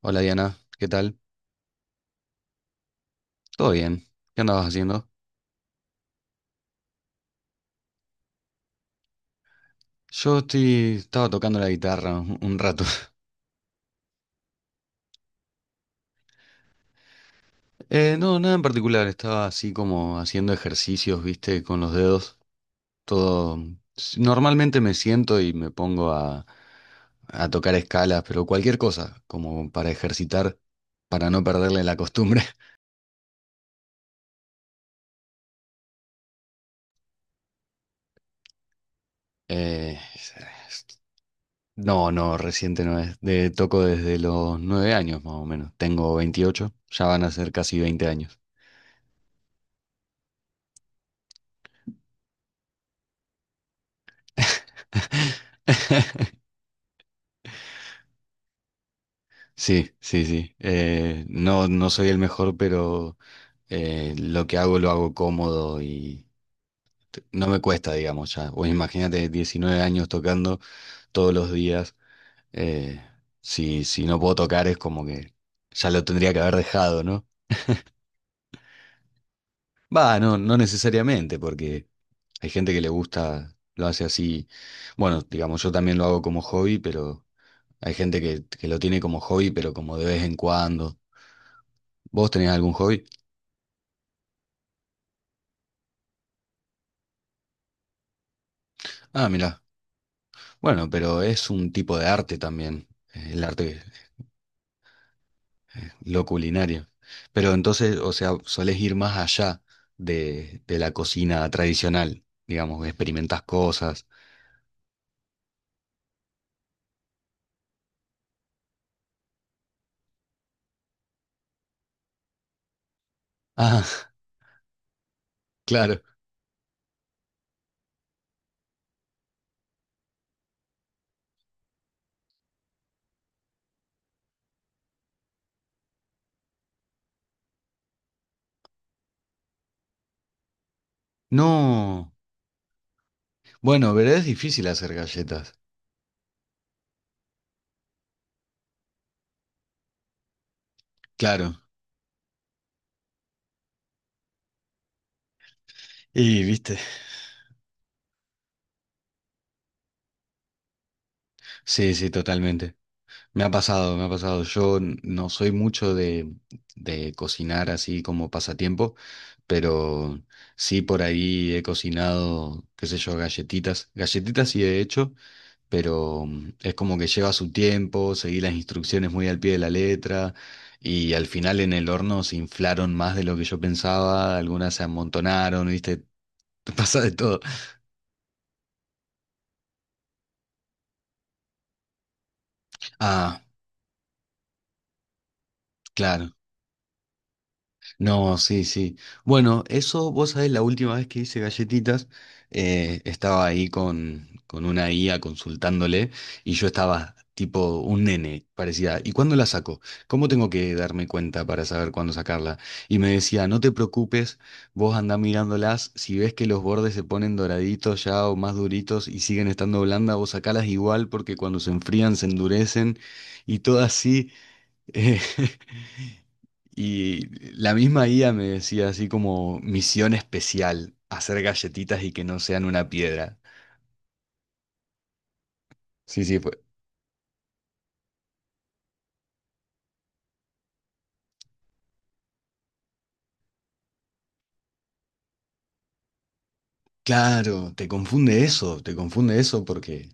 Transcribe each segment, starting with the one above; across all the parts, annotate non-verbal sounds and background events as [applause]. Hola Diana, ¿qué tal? ¿Todo bien? ¿Qué andabas haciendo? Estaba tocando la guitarra un rato. [laughs] No, nada en particular, estaba así como haciendo ejercicios, viste, con los dedos. Todo. Normalmente me siento y me pongo a tocar escalas, pero cualquier cosa, como para ejercitar, para no perderle la costumbre. [laughs] Eh, no, no, reciente no es. De, toco desde los 9 años más o menos. Tengo 28. Ya van a ser casi 20 años. Sí, sí, sí. No, no soy el mejor, pero lo que hago lo hago cómodo y no me cuesta, digamos, ya. Pues imagínate 19 años tocando todos los días. eh, si, si no puedo tocar es como que ya lo tendría que haber dejado, ¿no? Va, no, no necesariamente, porque hay gente que le gusta, lo hace así. Bueno, digamos, yo también lo hago como hobby, pero hay gente que lo tiene como hobby, pero como de vez en cuando. ¿Vos tenés algún hobby? Ah, mira. Bueno, pero es un tipo de arte también, el arte, lo culinario. Pero entonces, o sea, solés ir más allá de la cocina tradicional, digamos, experimentás cosas. Ah, [laughs] claro. No. Bueno, verdad es difícil hacer galletas. Claro. Y viste. Sí, sí, totalmente. Me ha pasado, me ha pasado. Yo no soy mucho de cocinar así como pasatiempo, pero sí por ahí he cocinado, qué sé yo, galletitas. Galletitas sí he hecho, pero es como que lleva su tiempo, seguí las instrucciones muy al pie de la letra y al final en el horno se inflaron más de lo que yo pensaba, algunas se amontonaron, viste. [laughs] Pasa de todo. Ah, claro. No, sí, sí. Bueno, eso, vos sabés, la última vez que hice galletitas, estaba ahí con una IA consultándole y yo estaba tipo un nene, parecía. ¿Y cuándo la saco? ¿Cómo tengo que darme cuenta para saber cuándo sacarla? Y me decía, no te preocupes, vos andá mirándolas, si ves que los bordes se ponen doraditos ya o más duritos y siguen estando blandas, vos sacalas igual porque cuando se enfrían se endurecen y todo así. [laughs] eh, Y la misma guía me decía así como misión especial, hacer galletitas y que no sean una piedra. Sí, sí, pues claro, te confunde eso porque...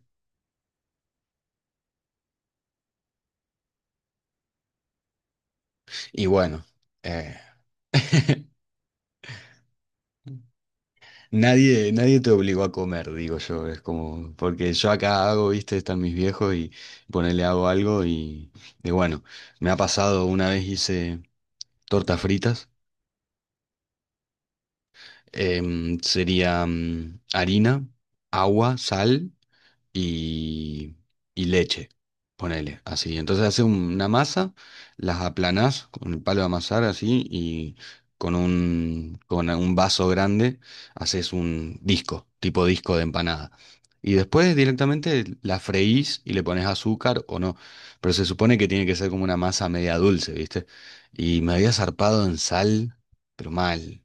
Y bueno, eh, [laughs] nadie, nadie te obligó a comer, digo yo, es como, porque yo acá hago, viste, están mis viejos y ponele hago algo y bueno, me ha pasado una vez hice tortas fritas, sería harina, agua, sal. Y, y leche, ponele, así. Entonces haces una masa, las aplanás con el palo de amasar así y con un vaso grande haces un disco, tipo disco de empanada. Y después directamente la freís y le pones azúcar o no. Pero se supone que tiene que ser como una masa media dulce, ¿viste? Y me había zarpado en sal, pero mal.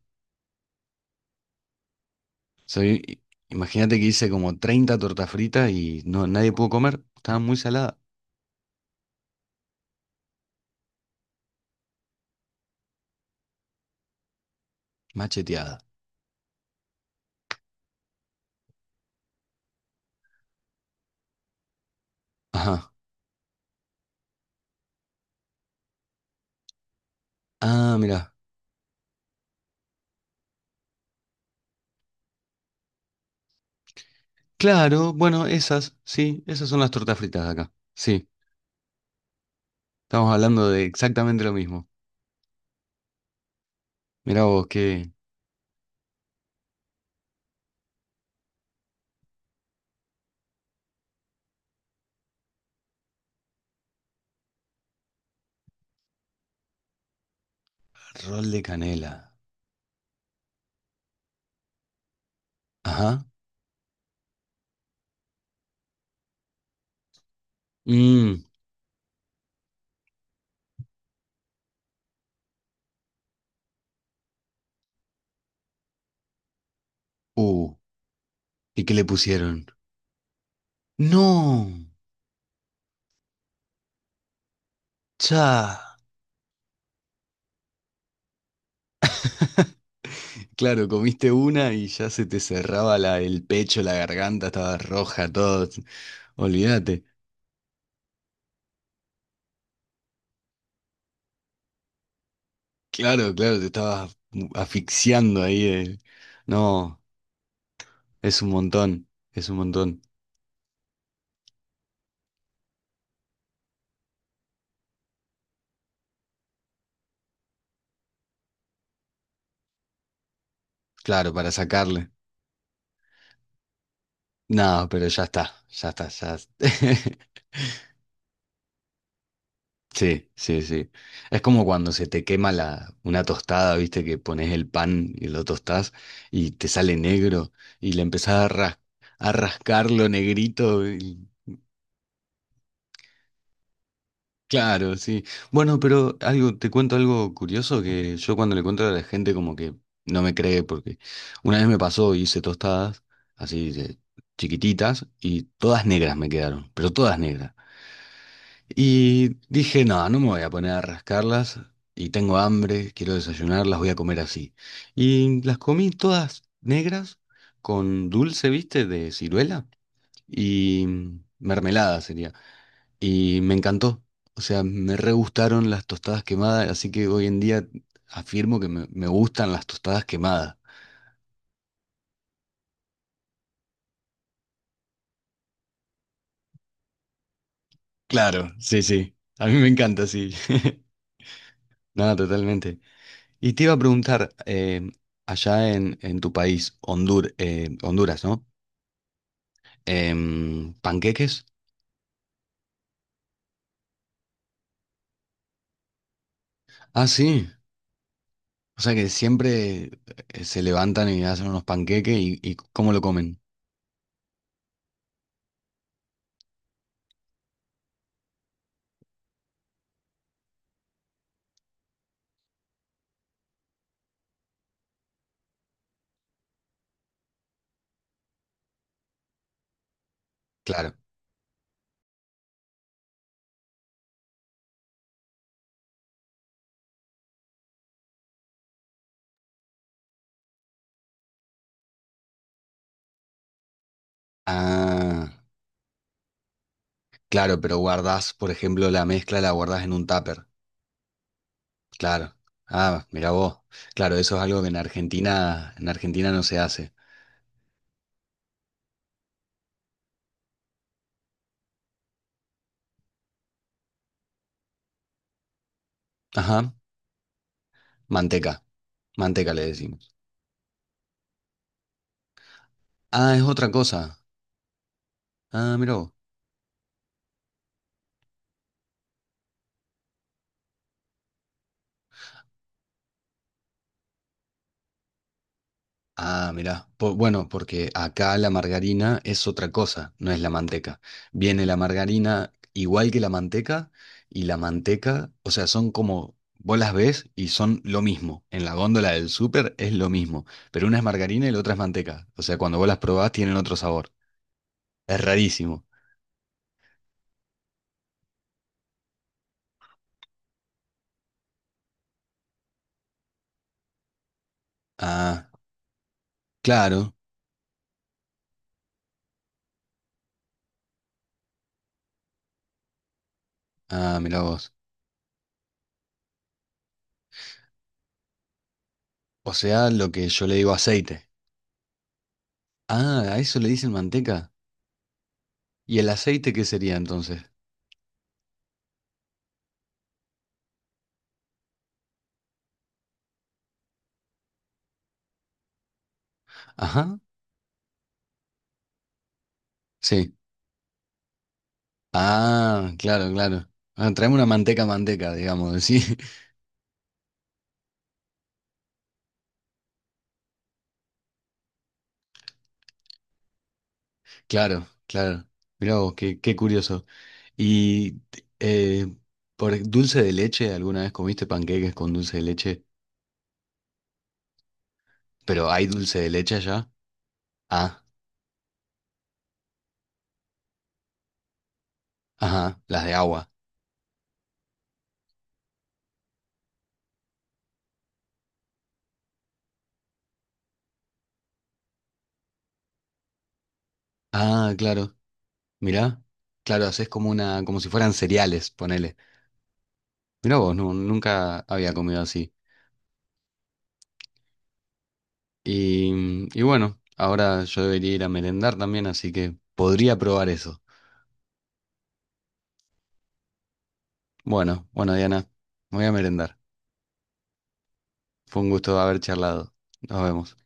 Soy, imagínate que hice como 30 tortas fritas y no, nadie pudo comer, estaban muy saladas. Macheteada. Ajá. Ah, mira. Claro, bueno, esas, sí, esas son las tortas fritas de acá. Sí, estamos hablando de exactamente lo mismo. Mira vos, qué rol de canela. Ajá. Mmm. Uh. ¿Y qué le pusieron? No. Cha. Claro, comiste una y ya se te cerraba la, el pecho, la garganta, estaba roja, todo. Olvídate. Claro, claro, te estabas asfixiando ahí. No, es un montón, es un montón. Claro, para sacarle. No, pero ya está, ya está, ya. [laughs] Sí, sí, sí. Es como cuando se te quema la, una tostada, viste, que pones el pan y lo tostás y te sale negro y le empezás a, a rascarlo negrito. Y- Claro, sí. Bueno, pero algo, te cuento algo curioso que yo cuando le cuento a la gente como que no me cree porque una vez me pasó, hice tostadas así de chiquititas y todas negras me quedaron, pero todas negras. Y dije, no, no me voy a poner a rascarlas y tengo hambre, quiero desayunar, las voy a comer así. Y las comí todas negras con dulce, viste, de ciruela y mermelada sería. Y me encantó. O sea, me re gustaron las tostadas quemadas, así que hoy en día afirmo que me gustan las tostadas quemadas. Claro, sí, sí. A mí me encanta, sí. [laughs] Nada, totalmente. Y te iba a preguntar, allá en tu país, Honduras, ¿no? Em, ¿panqueques? Ah, sí. O sea que siempre se levantan y hacen unos panqueques y ¿cómo lo comen? Claro. Ah, claro, pero guardás, por ejemplo, la mezcla la guardás en un tupper. Claro. Ah, mira vos. Claro, eso es algo que en Argentina no se hace. Ajá. Manteca. Manteca le decimos. Ah, es otra cosa. Ah, mira vos. Ah, mirá. Po- bueno, porque acá la margarina es otra cosa, no es la manteca. Viene la margarina igual que la manteca y la manteca, o sea, son como, vos las ves y son lo mismo. En la góndola del súper es lo mismo, pero una es margarina y la otra es manteca. O sea, cuando vos las probás tienen otro sabor. Es rarísimo. Ah, claro. Ah, mirá vos. O sea, lo que yo le digo aceite. Ah, a eso le dicen manteca. ¿Y el aceite qué sería entonces? Ajá, sí. Ah, claro, claro. Ah, traeme una manteca manteca, digamos, sí. [laughs] Claro, claro. Mirá vos, qué, qué curioso. Y eh, por dulce de leche, ¿alguna vez comiste panqueques con dulce de leche? Pero ¿hay dulce de leche allá? Ah, ajá, las de agua. Ah, claro. Mirá. Claro, haces como una, como si fueran cereales, ponele. Mirá vos, no, nunca había comido así. Y bueno, ahora yo debería ir a merendar también, así que podría probar eso. Bueno, bueno, Diana, me voy a merendar. Fue un gusto haber charlado. Nos vemos.